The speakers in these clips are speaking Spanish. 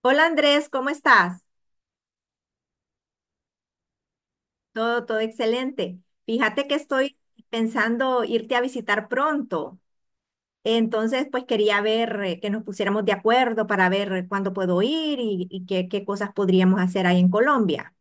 Hola Andrés, ¿cómo estás? Todo excelente. Fíjate que estoy pensando irte a visitar pronto. Entonces, pues quería ver que nos pusiéramos de acuerdo para ver cuándo puedo ir y qué, qué cosas podríamos hacer ahí en Colombia.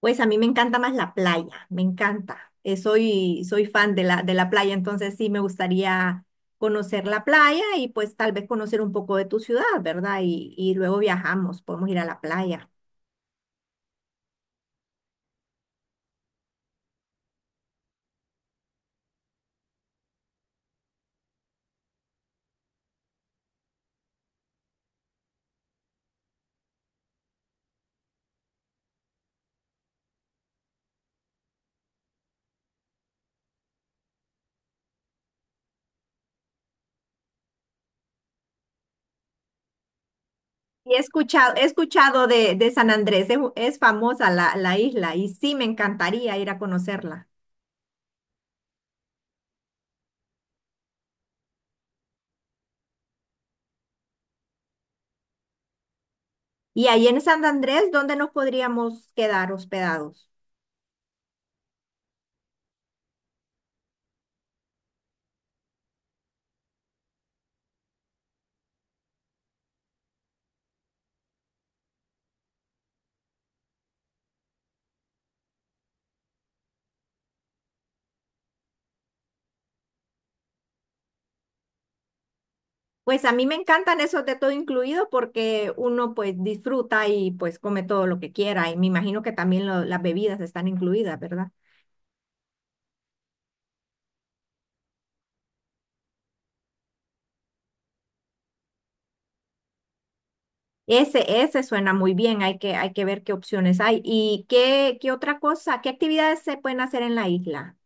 Pues a mí me encanta más la playa, me encanta. Soy fan de la playa, entonces sí me gustaría conocer la playa y pues tal vez conocer un poco de tu ciudad, ¿verdad? Y luego viajamos, podemos ir a la playa. He escuchado de San Andrés, es famosa la isla y sí me encantaría ir a conocerla. Y ahí en San Andrés, ¿dónde nos podríamos quedar hospedados? Pues a mí me encantan esos de todo incluido porque uno pues disfruta y pues come todo lo que quiera y me imagino que también las bebidas están incluidas, ¿verdad? Ese suena muy bien, hay que ver qué opciones hay. Y qué, qué otra cosa, ¿qué actividades se pueden hacer en la isla?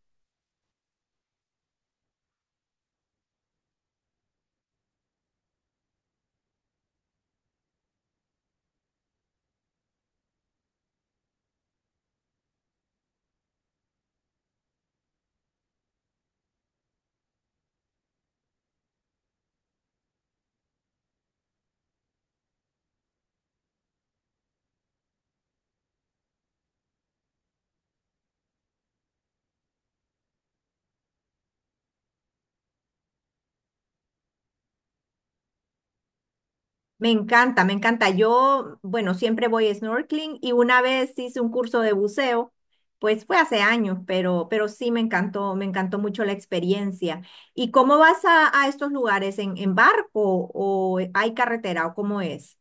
Me encanta, me encanta. Yo, bueno, siempre voy a snorkeling y una vez hice un curso de buceo, pues fue hace años, pero sí me encantó mucho la experiencia. ¿Y cómo vas a estos lugares? ¿En barco o hay carretera o cómo es?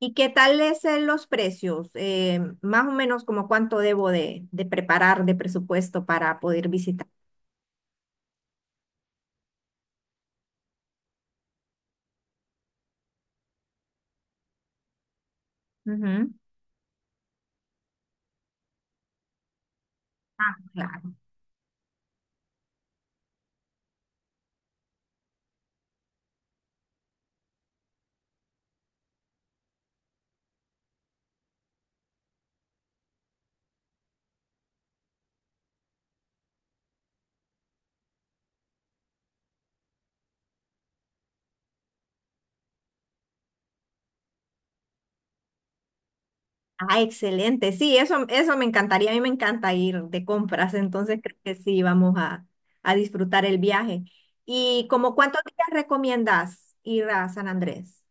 ¿Y qué tal es los precios? Más o menos como cuánto debo de preparar de presupuesto para poder visitar. Ujú. Ah, claro. Ah, excelente. Sí, eso me encantaría. A mí me encanta ir de compras, entonces creo que sí, a disfrutar el viaje. ¿Y como cuántos días recomiendas ir a San Andrés?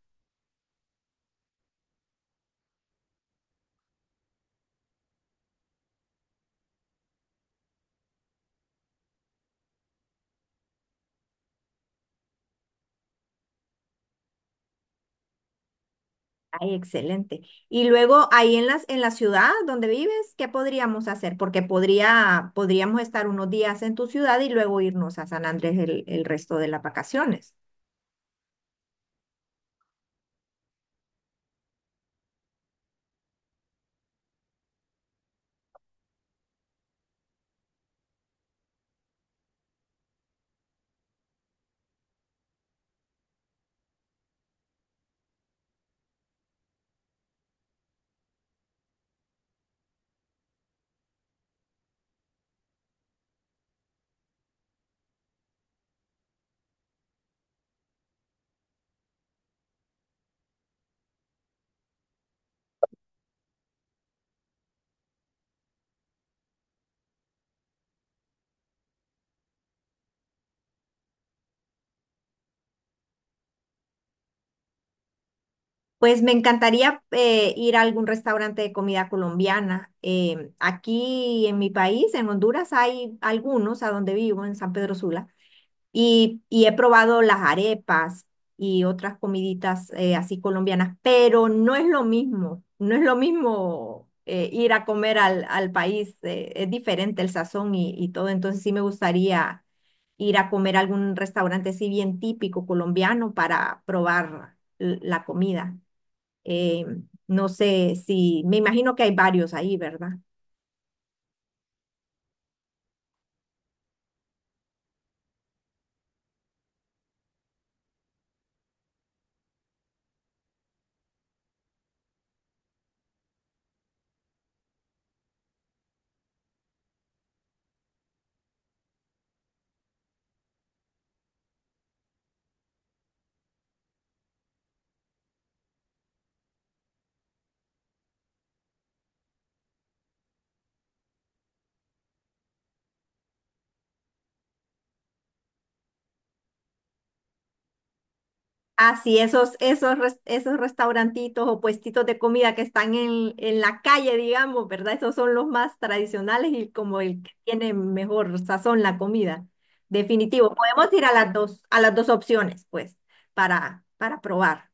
Ay, excelente. Y luego ahí en en la ciudad donde vives, ¿qué podríamos hacer? Porque podríamos estar unos días en tu ciudad y luego irnos a San Andrés el resto de las vacaciones. Pues me encantaría ir a algún restaurante de comida colombiana. Aquí en mi país, en Honduras, hay algunos a donde vivo, en San Pedro Sula, y he probado las arepas y otras comiditas así colombianas, pero no es lo mismo, no es lo mismo ir a comer al país, es diferente el sazón y todo, entonces sí me gustaría ir a comer a algún restaurante así bien típico colombiano para probar la comida. Eh, no sé si, me imagino que hay varios ahí, ¿verdad? Ah, sí, esos restaurantitos o puestitos de comida que están en la calle, digamos, ¿verdad? Esos son los más tradicionales y como el que tiene mejor sazón la comida. Definitivo, podemos ir a las dos opciones, pues, para probar.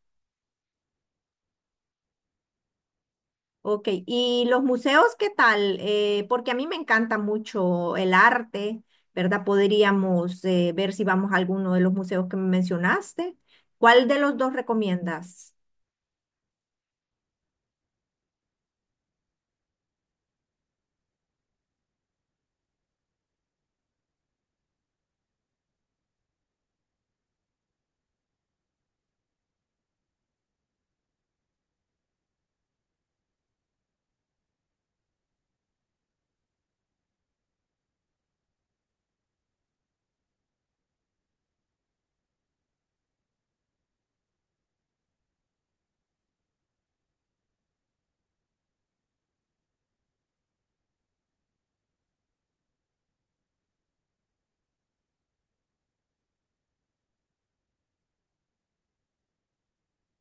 Ok, ¿y los museos qué tal? Porque a mí me encanta mucho el arte, ¿verdad? Podríamos ver si vamos a alguno de los museos que me mencionaste. ¿Cuál de los dos recomiendas?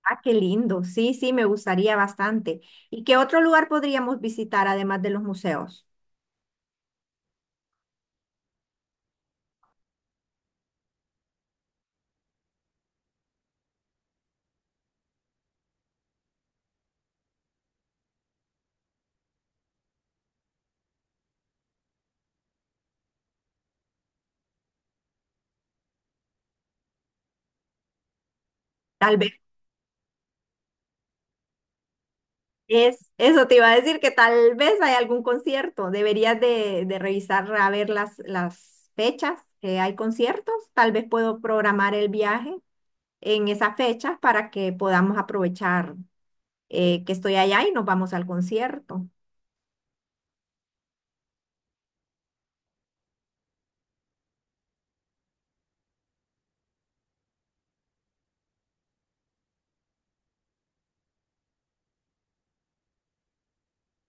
Ah, qué lindo. Sí, sí, me gustaría bastante. ¿Y qué otro lugar podríamos visitar además de los museos? Tal vez eso te iba a decir, que tal vez hay algún concierto. Deberías de revisar a ver las fechas que hay conciertos. Tal vez puedo programar el viaje en esas fechas para que podamos aprovechar que estoy allá y nos vamos al concierto.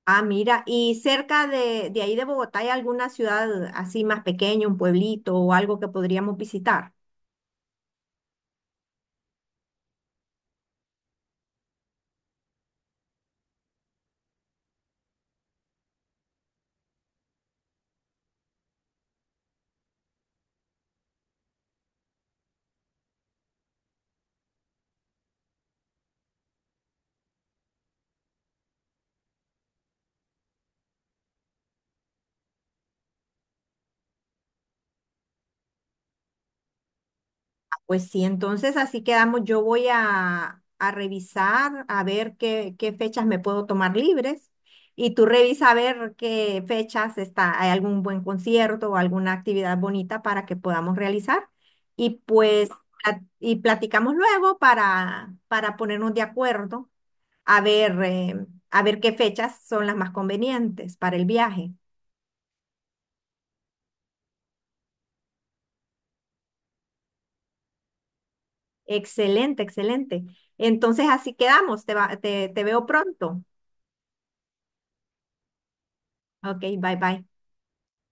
Ah, mira, y cerca de ahí de Bogotá, ¿hay alguna ciudad así más pequeña, un pueblito o algo que podríamos visitar? Pues sí, entonces así quedamos. Yo a revisar a ver qué fechas me puedo tomar libres y tú revisa a ver qué fechas está, hay algún buen concierto o alguna actividad bonita para que podamos realizar y pues y platicamos luego para ponernos de acuerdo a ver qué fechas son las más convenientes para el viaje. Excelente, excelente. Entonces así quedamos. Te, te veo pronto. Ok, bye bye.